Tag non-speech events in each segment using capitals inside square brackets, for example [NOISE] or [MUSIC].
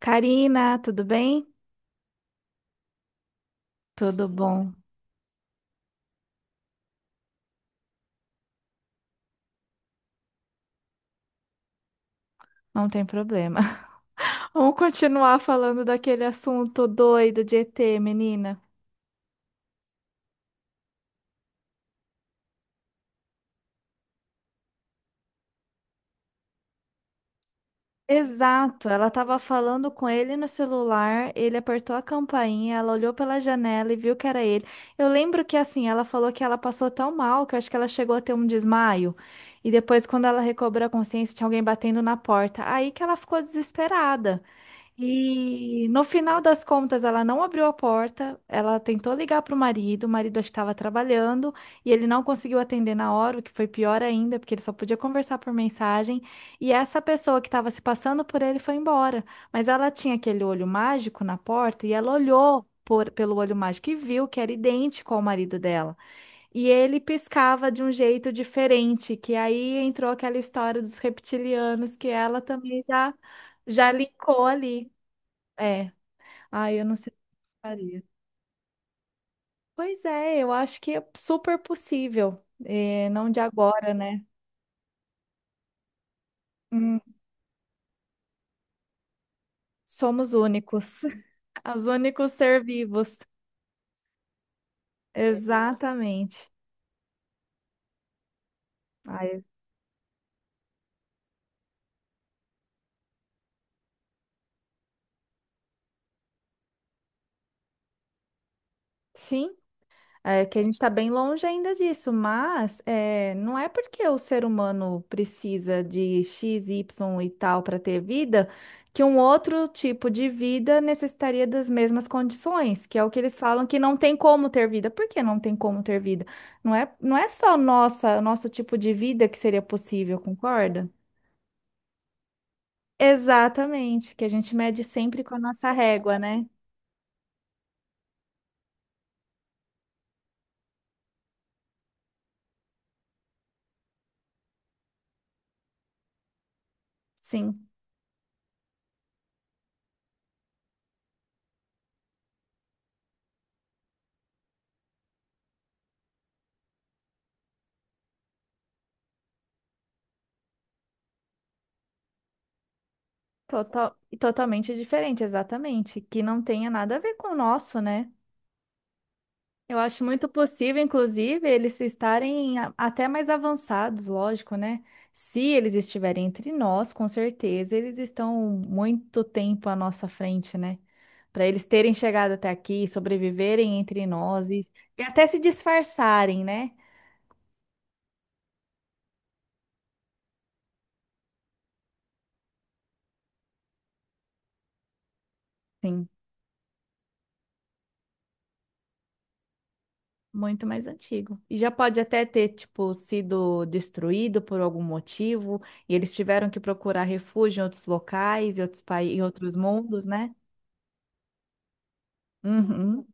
Karina, tudo bem? Tudo bom, não tem problema. [LAUGHS] Vamos continuar falando daquele assunto doido de ET, menina. Exato, ela estava falando com ele no celular, ele apertou a campainha, ela olhou pela janela e viu que era ele. Eu lembro que assim, ela falou que ela passou tão mal que eu acho que ela chegou a ter um desmaio. E depois, quando ela recobrou a consciência, tinha alguém batendo na porta. Aí que ela ficou desesperada. E no final das contas, ela não abriu a porta, ela tentou ligar para o marido acho que estava trabalhando, e ele não conseguiu atender na hora, o que foi pior ainda, porque ele só podia conversar por mensagem, e essa pessoa que estava se passando por ele foi embora. Mas ela tinha aquele olho mágico na porta, e ela olhou pelo olho mágico e viu que era idêntico ao marido dela. E ele piscava de um jeito diferente, que aí entrou aquela história dos reptilianos, que ela também já linkou ali. É. Ah, eu não sei o que faria. Pois é, eu acho que é super possível. É, não de agora, né? Hum, somos únicos. [LAUGHS] Os únicos ser vivos. Exatamente. Ai, sim. É que a gente está bem longe ainda disso, mas é, não é porque o ser humano precisa de X, Y e tal para ter vida, que um outro tipo de vida necessitaria das mesmas condições, que é o que eles falam que não tem como ter vida. Por que não tem como ter vida? Não é, não é só nossa, nosso tipo de vida que seria possível, concorda? Exatamente, que a gente mede sempre com a nossa régua, né? Sim. Total, totalmente diferente, exatamente, que não tenha nada a ver com o nosso, né? Eu acho muito possível, inclusive, eles estarem até mais avançados, lógico, né? Se eles estiverem entre nós, com certeza eles estão muito tempo à nossa frente, né? Para eles terem chegado até aqui, sobreviverem entre nós e até se disfarçarem, né? Sim. Muito mais antigo. E já pode até ter, tipo, sido destruído por algum motivo, e eles tiveram que procurar refúgio em outros locais, em outros países, em outros mundos, né? Uhum.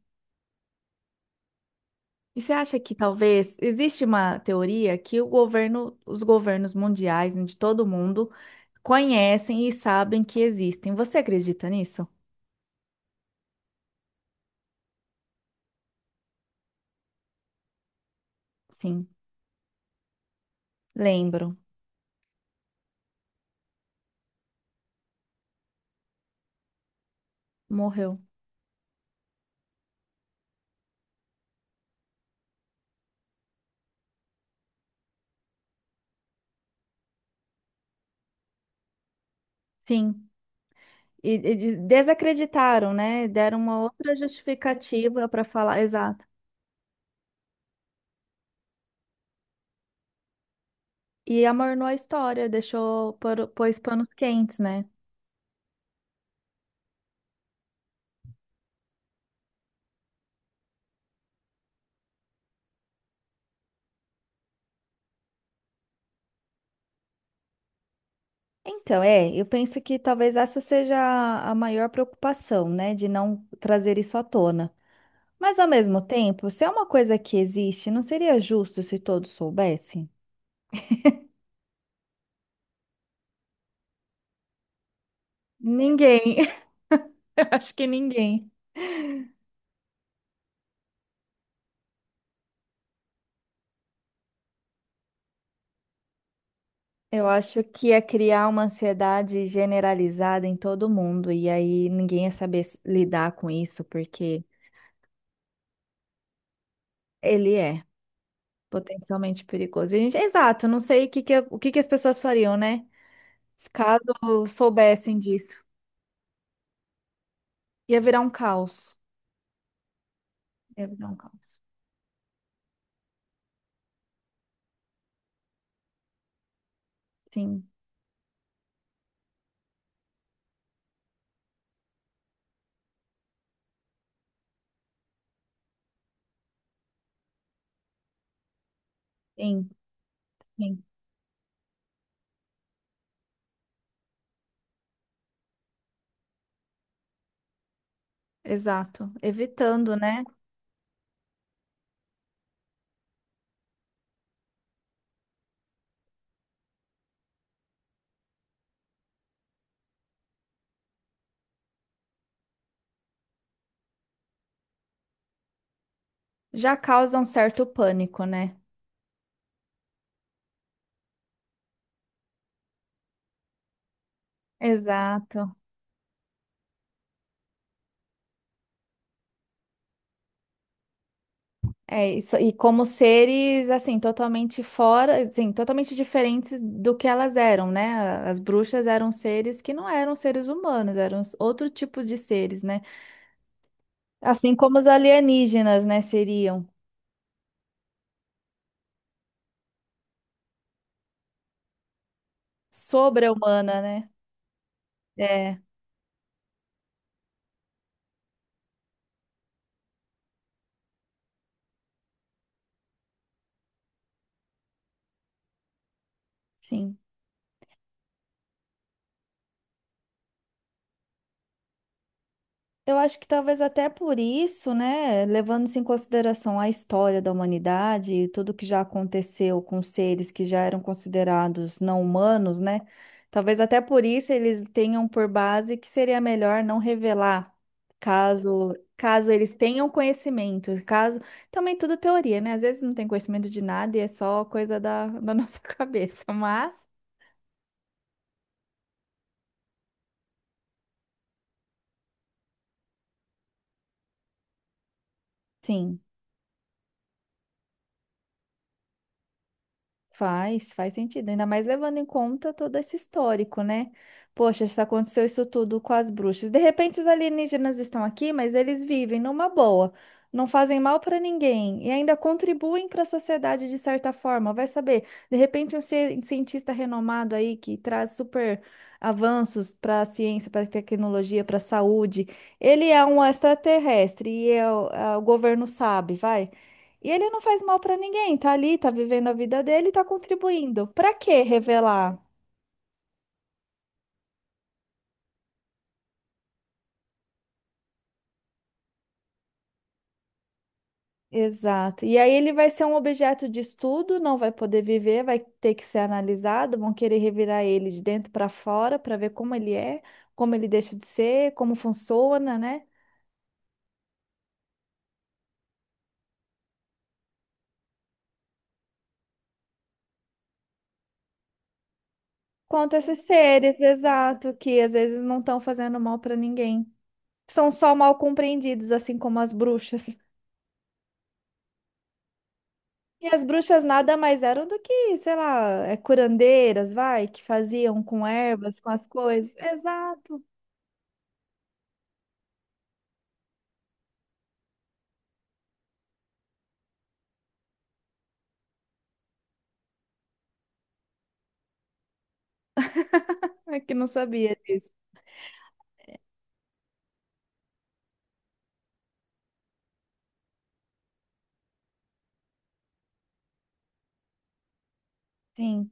E você acha que talvez existe uma teoria que o governo, os governos mundiais, né, de todo mundo, conhecem e sabem que existem. Você acredita nisso? Sim, lembro. Morreu. Sim. E desacreditaram, né? Deram uma outra justificativa para falar. Exato. E amornou a história, deixou, pôs panos quentes, né? Então, é, eu penso que talvez essa seja a maior preocupação, né, de não trazer isso à tona. Mas, ao mesmo tempo, se é uma coisa que existe, não seria justo se todos soubessem? Ninguém, [LAUGHS] eu acho que ninguém. Eu acho que é criar uma ansiedade generalizada em todo mundo, e aí ninguém ia saber lidar com isso, porque ele é. Potencialmente perigoso. E a gente, exato, não sei o que que as pessoas fariam, né? Se Caso soubessem disso. Ia virar um caos. Ia virar um caos. Sim, sim, sim. Exato. Evitando, né? Já causa um certo pânico, né? Exato. É isso. E como seres, assim, totalmente fora, assim, totalmente diferentes do que elas eram, né? As bruxas eram seres que não eram seres humanos, eram outro tipo de seres, né? Assim como os alienígenas, né, seriam. Sobre-humana, né? É, sim. Eu acho que talvez até por isso, né, levando-se em consideração a história da humanidade e tudo que já aconteceu com seres que já eram considerados não humanos, né? Talvez até por isso eles tenham por base que seria melhor não revelar, caso eles tenham conhecimento, caso também tudo teoria, né? Às vezes não tem conhecimento de nada e é só coisa da nossa [LAUGHS] cabeça, mas sim. Faz, faz sentido, ainda mais levando em conta todo esse histórico, né? Poxa, se aconteceu isso tudo com as bruxas. De repente os alienígenas estão aqui, mas eles vivem numa boa, não fazem mal para ninguém e ainda contribuem para a sociedade de certa forma. Vai saber, de repente um cientista renomado aí que traz super avanços para a ciência, para a tecnologia, para a saúde, ele é um extraterrestre e é o governo sabe, vai. E ele não faz mal pra ninguém, tá ali, tá vivendo a vida dele, tá contribuindo. Pra que revelar? Exato. E aí ele vai ser um objeto de estudo, não vai poder viver, vai ter que ser analisado, vão querer revirar ele de dentro para fora para ver como ele é, como ele deixa de ser, como funciona, né? Quanto a esses seres, exato, que às vezes não estão fazendo mal para ninguém. São só mal compreendidos, assim como as bruxas. E as bruxas nada mais eram do que, sei lá, é, curandeiras, vai, que faziam com ervas, com as coisas. Exato, é que não sabia disso. Sim,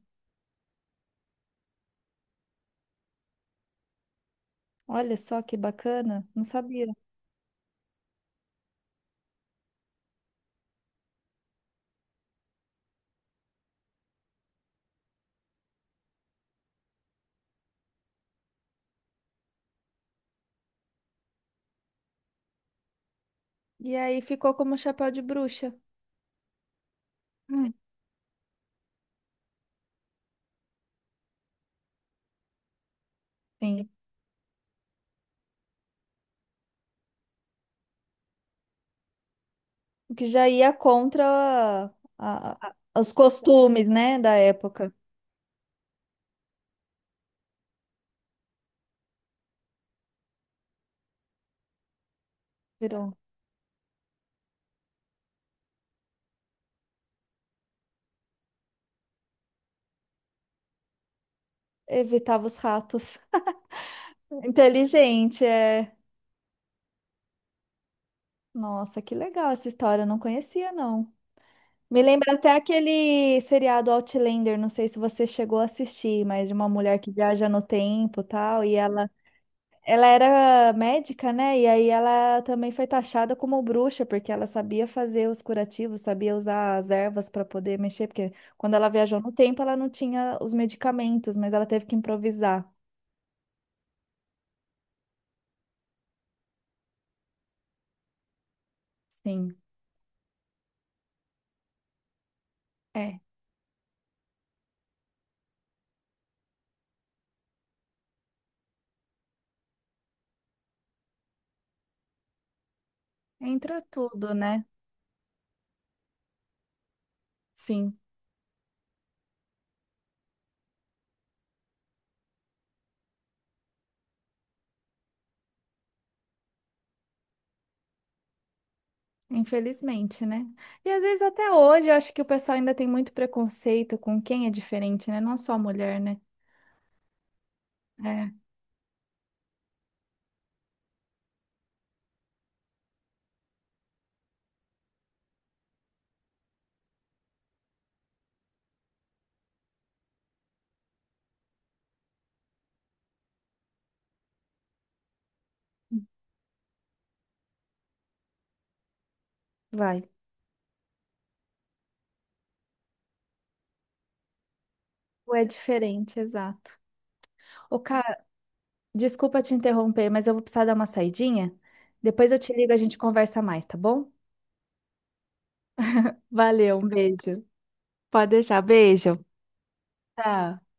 olha só que bacana, não sabia. E aí ficou como chapéu de bruxa. Hum, sim, o que já ia contra a- os costumes, né, da época. Virou. Evitava os ratos. [LAUGHS] Inteligente, é. Nossa, que legal essa história, eu não conhecia, não. Me lembra até aquele seriado Outlander, não sei se você chegou a assistir, mas de uma mulher que viaja no tempo, e tal, e ela era médica, né? E aí ela também foi taxada como bruxa, porque ela sabia fazer os curativos, sabia usar as ervas para poder mexer, porque quando ela viajou no tempo, ela não tinha os medicamentos, mas ela teve que improvisar. Sim. É, entra tudo, né? Sim. Infelizmente, né? E às vezes até hoje eu acho que o pessoal ainda tem muito preconceito com quem é diferente, né? Não só a mulher, né? É, vai. Ou é diferente, exato. Ô, cara, desculpa te interromper, mas eu vou precisar dar uma saidinha. Depois eu te ligo, a gente conversa mais, tá bom? Valeu, um beijo. Pode deixar, beijo. Tá.